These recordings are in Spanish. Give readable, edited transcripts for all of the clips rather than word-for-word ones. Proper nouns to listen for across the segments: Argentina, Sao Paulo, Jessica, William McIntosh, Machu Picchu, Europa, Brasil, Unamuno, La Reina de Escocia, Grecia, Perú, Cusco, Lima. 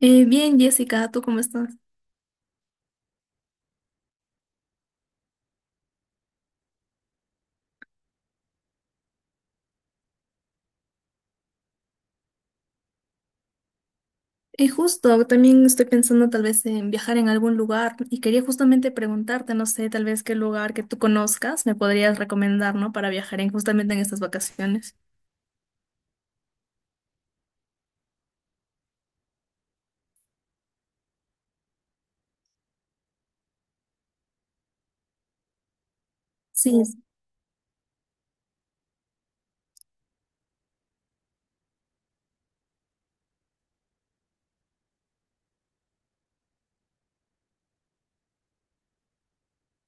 Bien, Jessica, ¿tú cómo estás? Justo, también estoy pensando tal vez en viajar en algún lugar y quería justamente preguntarte, no sé, tal vez qué lugar que tú conozcas me podrías recomendar, ¿no? Para viajar en justamente en estas vacaciones. Sí, es-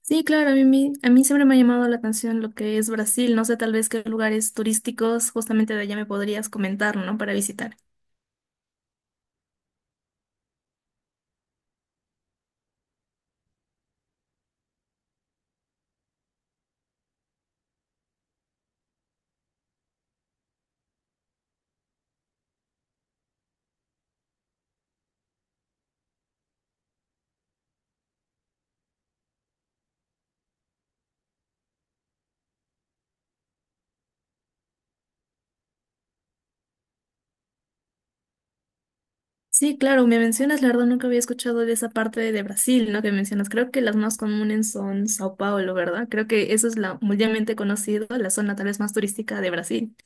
sí, claro, a mí, a mí siempre me ha llamado la atención lo que es Brasil, no sé, tal vez qué lugares turísticos justamente de allá me podrías comentar, ¿no? Para visitar. Sí, claro, me mencionas, la verdad nunca había escuchado de esa parte de Brasil, ¿no? Que mencionas. Creo que las más comunes son Sao Paulo, ¿verdad? Creo que eso es la mundialmente conocida, la zona tal vez más turística de Brasil.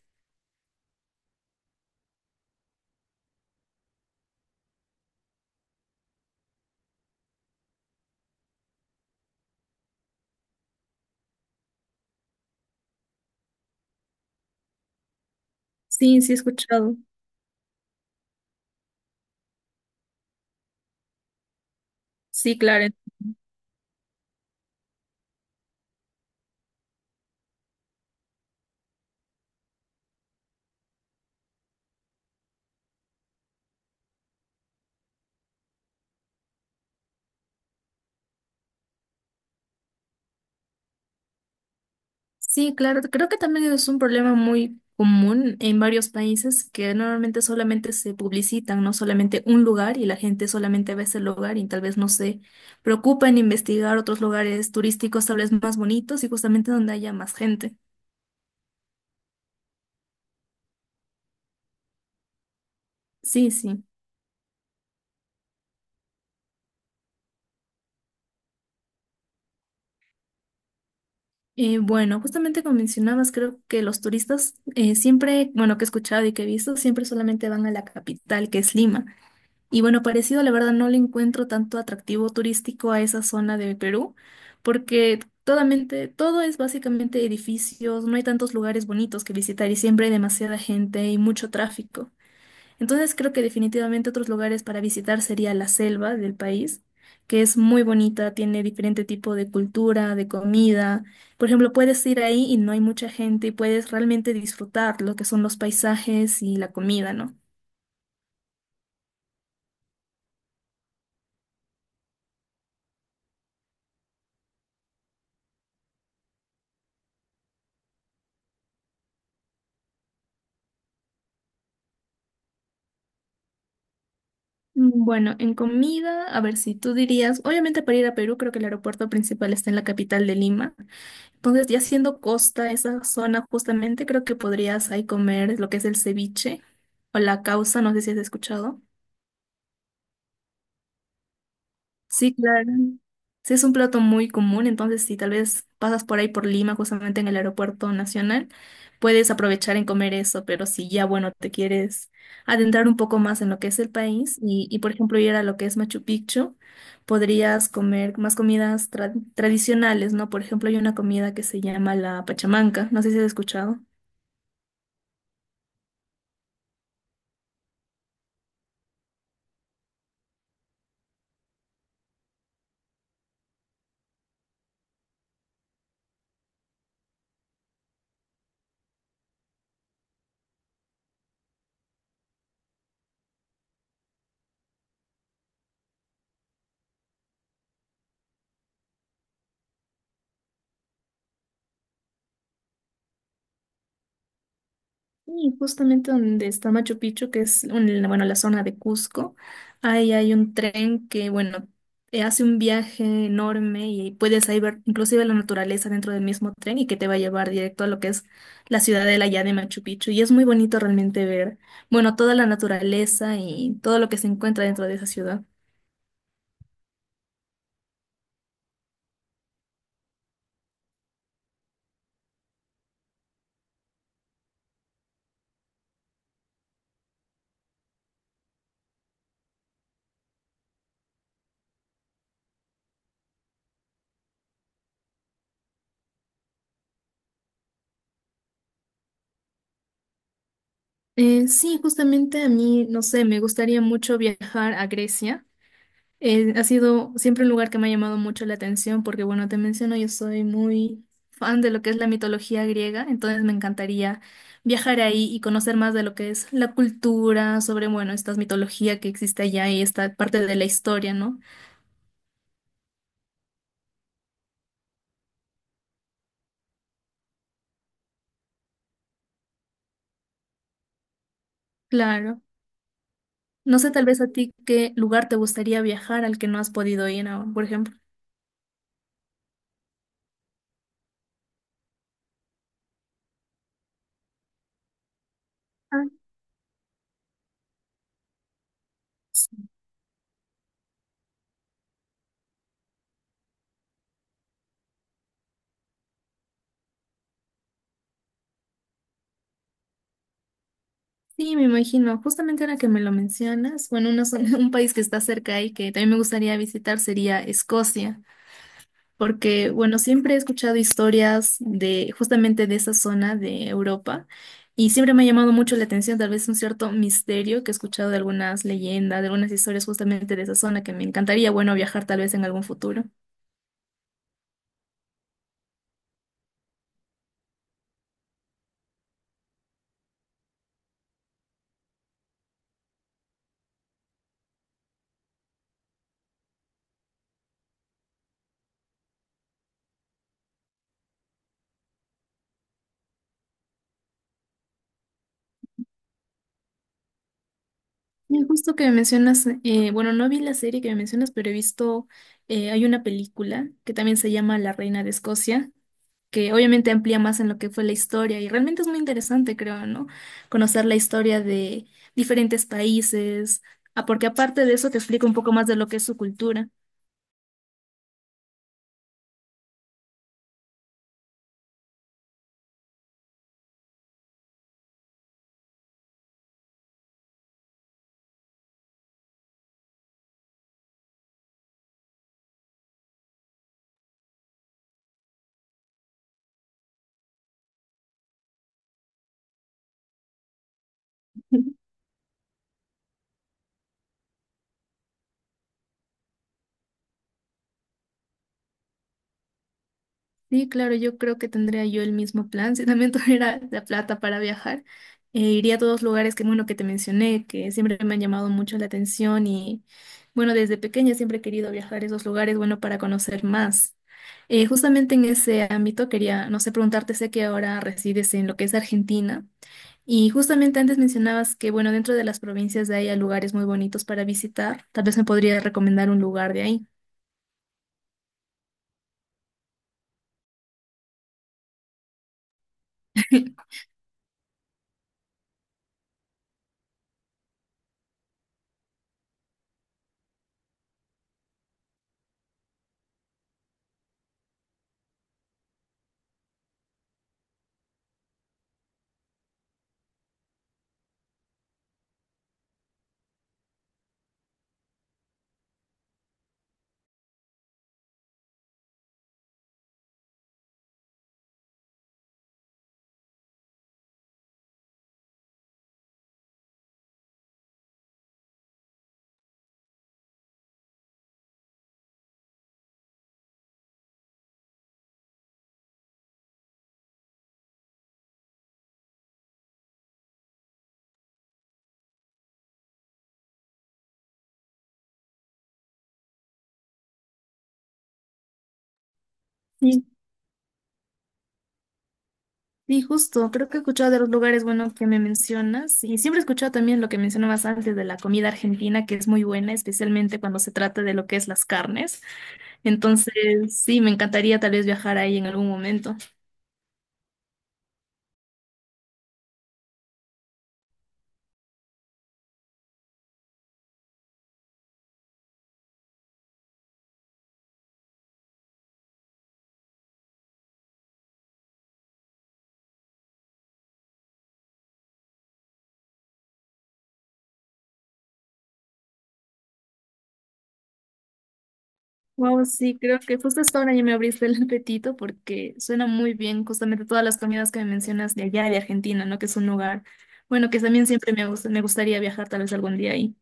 Sí, sí he escuchado. Sí, claro. Sí, claro, creo que también es un problema muy común en varios países que normalmente solamente se publicitan, no solamente un lugar y la gente solamente ve ese lugar y tal vez no se preocupa en investigar otros lugares turísticos tal vez más bonitos y justamente donde haya más gente. Sí, sí. Bueno, justamente como mencionabas, creo que los turistas siempre, bueno, que he escuchado y que he visto, siempre solamente van a la capital, que es Lima. Y bueno, parecido, la verdad, no le encuentro tanto atractivo turístico a esa zona de Perú, porque todamente, todo es básicamente edificios, no hay tantos lugares bonitos que visitar y siempre hay demasiada gente y mucho tráfico. Entonces creo que definitivamente otros lugares para visitar sería la selva del país, que es muy bonita, tiene diferente tipo de cultura, de comida. Por ejemplo, puedes ir ahí y no hay mucha gente y puedes realmente disfrutar lo que son los paisajes y la comida, ¿no? Bueno, en comida, a ver si tú dirías, obviamente para ir a Perú creo que el aeropuerto principal está en la capital de Lima. Entonces, ya siendo costa, esa zona justamente creo que podrías ahí comer lo que es el ceviche o la causa, no sé si has escuchado. Sí, claro. Sí, es un plato muy común, entonces si tal vez pasas por ahí por Lima, justamente en el aeropuerto nacional, puedes aprovechar en comer eso, pero si ya, bueno, te quieres adentrar un poco más en lo que es el país y por ejemplo, ir a lo que es Machu Picchu, podrías comer más comidas tradicionales, ¿no? Por ejemplo, hay una comida que se llama la pachamanca, no sé si has escuchado. Y justamente donde está Machu Picchu, bueno, la zona de Cusco, ahí hay un tren que, bueno, hace un viaje enorme y puedes ahí ver inclusive la naturaleza dentro del mismo tren y que te va a llevar directo a lo que es la ciudadela ya de Machu Picchu. Y es muy bonito realmente ver, bueno, toda la naturaleza y todo lo que se encuentra dentro de esa ciudad. Sí, justamente a mí, no sé, me gustaría mucho viajar a Grecia. Ha sido siempre un lugar que me ha llamado mucho la atención porque, bueno, te menciono, yo soy muy fan de lo que es la mitología griega, entonces me encantaría viajar ahí y conocer más de lo que es la cultura, sobre, bueno, esta mitología que existe allá y esta parte de la historia, ¿no? Claro. No sé tal vez a ti qué lugar te gustaría viajar al que no has podido ir aún, por ejemplo. Ah, sí. Sí, me imagino. Justamente ahora que me lo mencionas, bueno, una zona- un país que está cerca y que también me gustaría visitar sería Escocia. Porque, bueno, siempre he escuchado historias de justamente de esa zona de Europa y siempre me ha llamado mucho la atención, tal vez un cierto misterio que he escuchado de algunas leyendas, de algunas historias justamente de esa zona que me encantaría, bueno, viajar tal vez en algún futuro. Y justo que me mencionas, bueno, no vi la serie que me mencionas, pero he visto, hay una película que también se llama La Reina de Escocia que obviamente amplía más en lo que fue la historia y realmente es muy interesante, creo, ¿no? Conocer la historia de diferentes países, ah, porque aparte de eso te explica un poco más de lo que es su cultura. Sí, claro, yo creo que tendría yo el mismo plan. Si también tuviera la plata para viajar, iría a todos los lugares que, bueno, que te mencioné, que siempre me han llamado mucho la atención y, bueno, desde pequeña siempre he querido viajar a esos lugares, bueno, para conocer más. Justamente en ese ámbito quería, no sé, preguntarte, sé que ahora resides en lo que es Argentina y justamente antes mencionabas que, bueno, dentro de las provincias de ahí hay lugares muy bonitos para visitar. Tal vez me podrías recomendar un lugar de ahí. Sí, sí, justo, creo que he escuchado de los lugares, bueno, que me mencionas y siempre he escuchado también lo que mencionabas antes de la comida argentina, que es muy buena, especialmente cuando se trata de lo que es las carnes. Entonces, sí, me encantaría tal vez viajar ahí en algún momento. Wow, sí, creo que justo hasta ahora ya me abriste el apetito porque suena muy bien justamente todas las comidas que me mencionas de allá, de Argentina, ¿no? Que es un lugar, bueno, que también siempre me gusta, me gustaría viajar tal vez algún día ahí.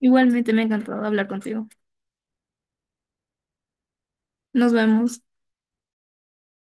Igualmente me ha encantado hablar contigo. Nos vemos.